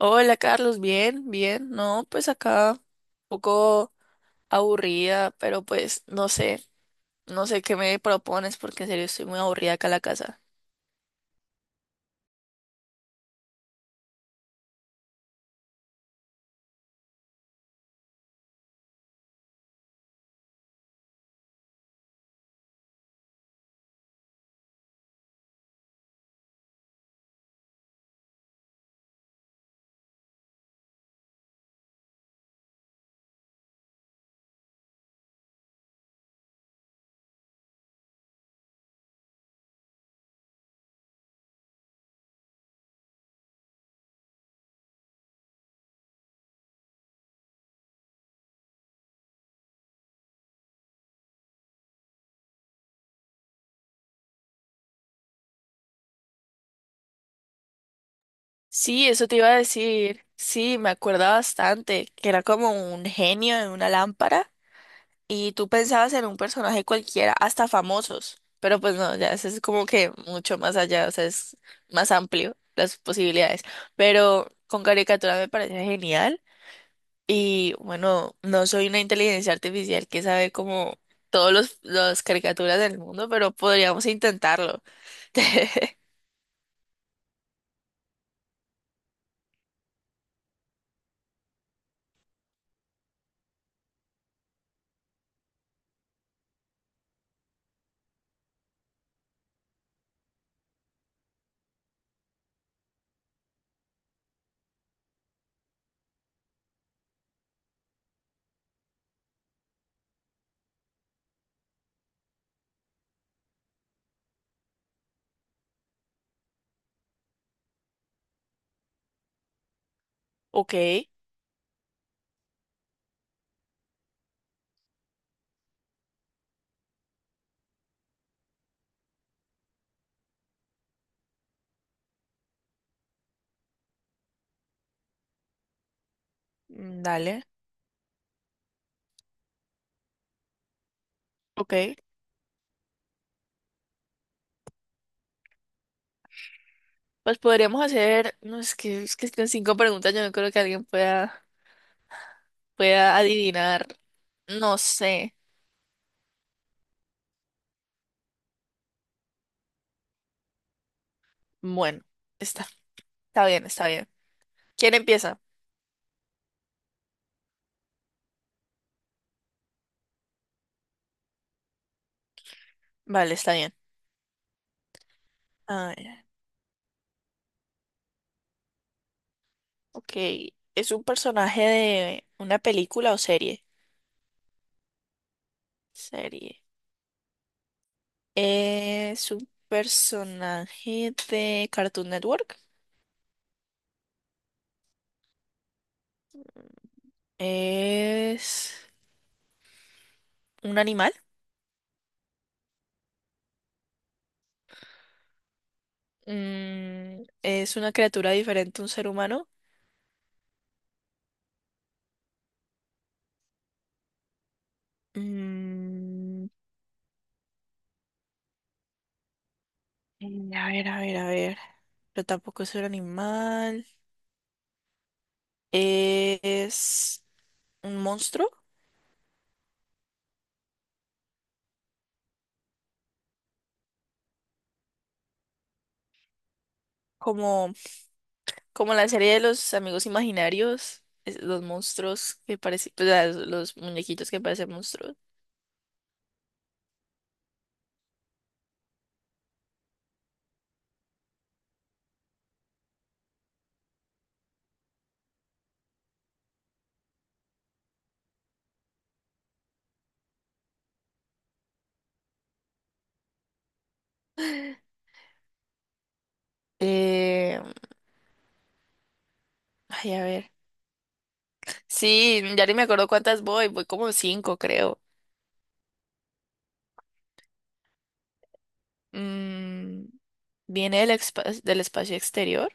Hola Carlos, bien, bien. No, pues acá un poco aburrida, pero pues no sé, no sé qué me propones porque en serio estoy muy aburrida acá en la casa. Sí, eso te iba a decir. Sí, me acuerda bastante que era como un genio en una lámpara y tú pensabas en un personaje cualquiera, hasta famosos, pero pues no, ya eso es como que mucho más allá, o sea, es más amplio las posibilidades. Pero con caricatura me parece genial. Y bueno, no soy una inteligencia artificial que sabe como las caricaturas del mundo, pero podríamos intentarlo. Ok, mm, dale, ok. Pues podríamos hacer, no es que, es que con cinco preguntas yo no creo que alguien pueda, pueda adivinar, no sé. Bueno, está, está bien, está bien. ¿Quién empieza? Vale, está bien. A ver, ok. ¿Es un personaje de una película o serie? Serie. Es un personaje de Cartoon Network. Es un animal. Mm, ¿es una criatura diferente a un ser humano? Mm, a ver, a ver, a ver. Pero tampoco es un animal. Es un monstruo. Como, como la serie de los amigos imaginarios. Los monstruos que parecen. Pues, ah, los muñequitos que parecen monstruos. Eh, ay, a ver. Sí, ya ni me acuerdo cuántas voy, voy como cinco, creo. Mm, ¿viene del, del espacio exterior?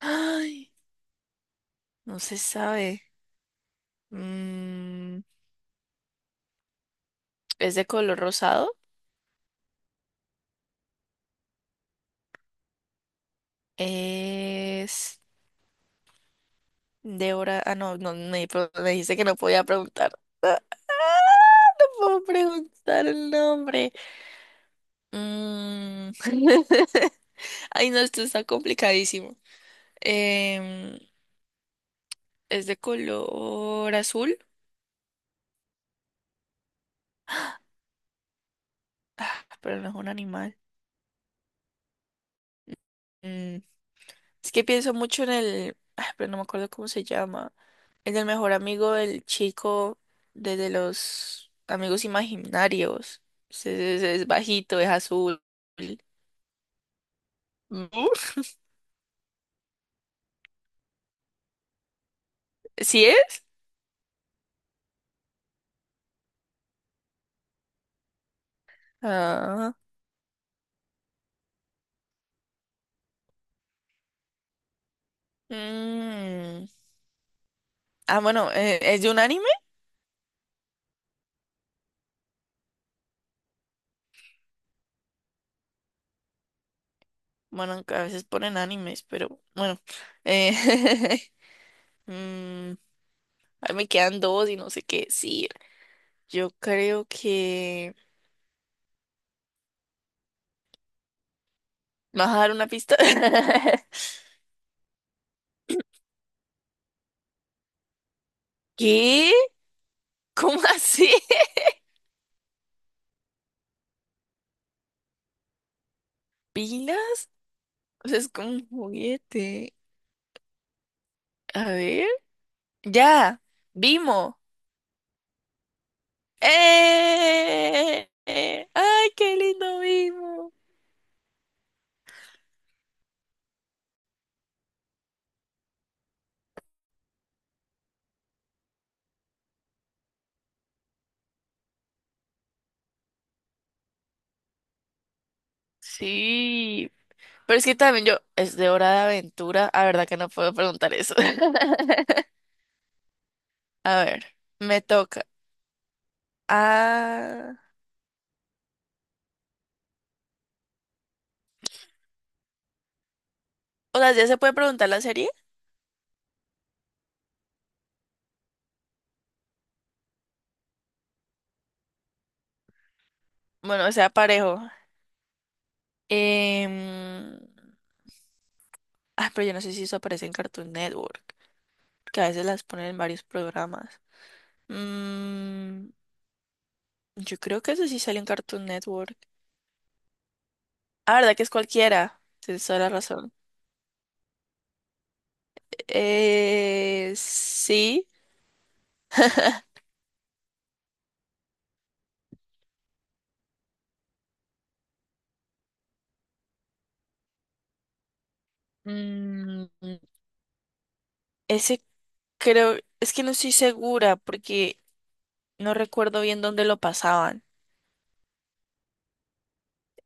Ay, no se sabe. Mm, ¿es de color rosado? Es de hora... Ah, no, no, me, me dijiste que no podía preguntar. Ah, ¿puedo preguntar el nombre? Mm, ay, no, esto está complicadísimo. Em, ¿Es de color azul? Ah, pero no es un animal. Mm, es que pienso mucho en el, ah, pero no me acuerdo cómo se llama, en el mejor amigo del chico de los amigos imaginarios. Es, es bajito, es azul. Uf. ¿Sí es? Ah, mm. Ah, bueno, ¿es de un anime? Bueno, a veces ponen animes, pero bueno. Eh, mm, ahí me quedan dos y no sé qué decir. Yo creo que... ¿Me vas a dar una pista? ¿Qué? ¿Cómo así? ¿Pilas? O sea, es como un juguete. A ver. Ya. Vimo. ¡Eh! ¡Eh! ¡Ay, qué lindo Vimo! Sí. Pero es que también yo, es de hora de aventura. A verdad que no puedo preguntar eso. A ver, me toca. Ah. O sea, ¿ya se puede preguntar la serie? Bueno, o sea, parejo. Em, Ah, pero yo no sé si eso aparece en Cartoon Network, que a veces las ponen en varios programas. Mm, yo creo que ese sí sale en Cartoon Network. Ah, ¿verdad que es cualquiera? Tienes toda la razón. Sí. Mm, ese creo, es que no estoy segura porque no recuerdo bien dónde lo pasaban.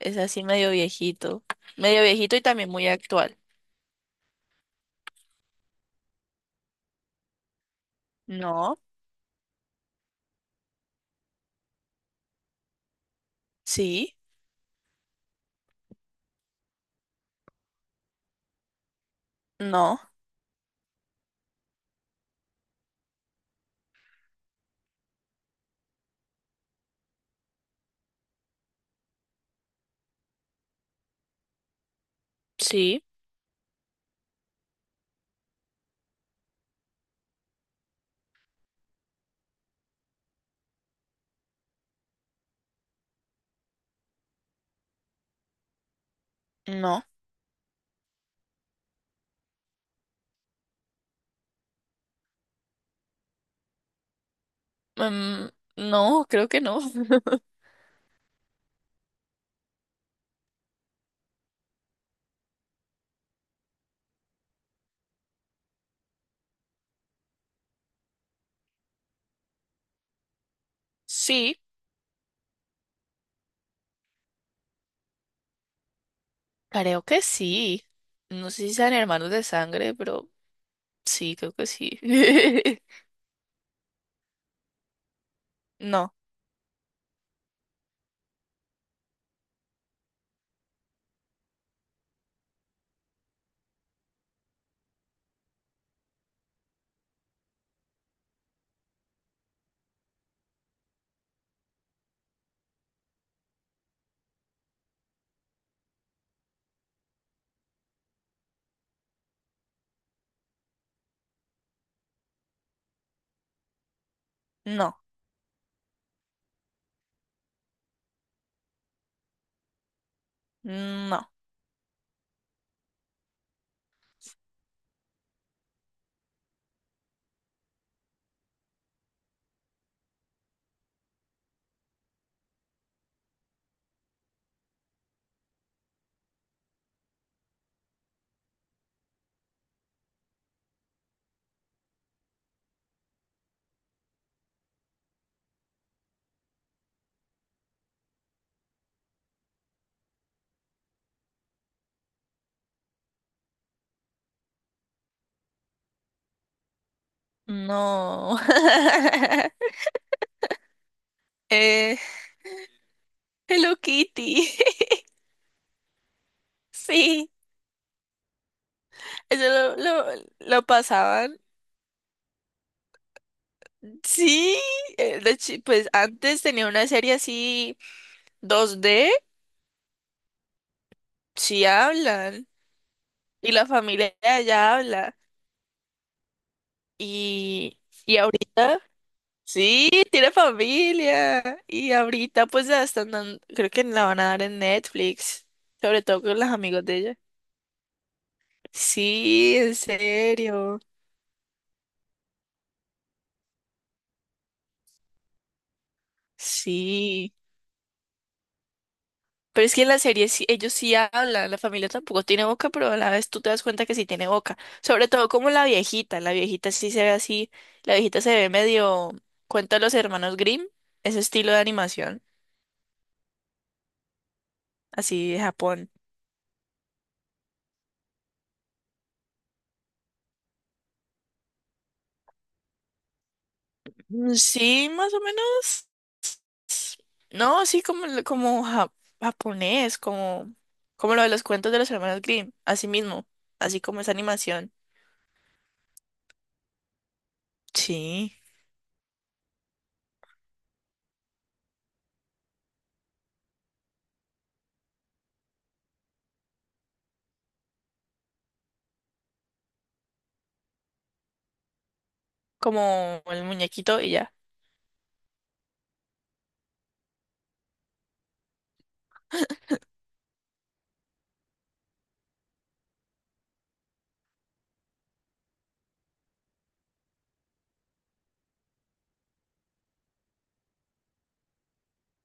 Es así medio viejito. Medio viejito y también muy actual. No, sí, no, sí, no. Mm, no, creo que no. Sí, creo que sí. No sé si sean hermanos de sangre, pero... Sí, creo que sí. No, no, no, no. Eh, Hello Kitty. Sí, eso lo pasaban. Sí, pues antes tenía una serie así dos d sí hablan. Y la familia de allá habla. Y, y ahorita, sí, tiene familia. Y ahorita pues la están dando, creo que la van a dar en Netflix. Sobre todo con los amigos de ella. Sí, en serio. Sí. Pero es que en la serie ellos sí hablan, la familia tampoco tiene boca, pero a la vez tú te das cuenta que sí tiene boca. Sobre todo como la viejita sí se ve así, la viejita se ve medio, cuenta los hermanos Grimm, ese estilo de animación, así de Japón. Mm, sí, más o menos. No, así como, como japonés, como, como lo de los cuentos de los hermanos Grimm, así mismo, así como esa animación. Sí. Como el muñequito y ya.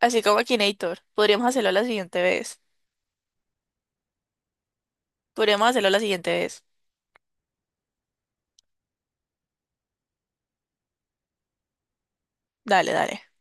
Así como Akinator. Podríamos hacerlo la siguiente vez. Podríamos hacerlo la siguiente vez. Dale, dale.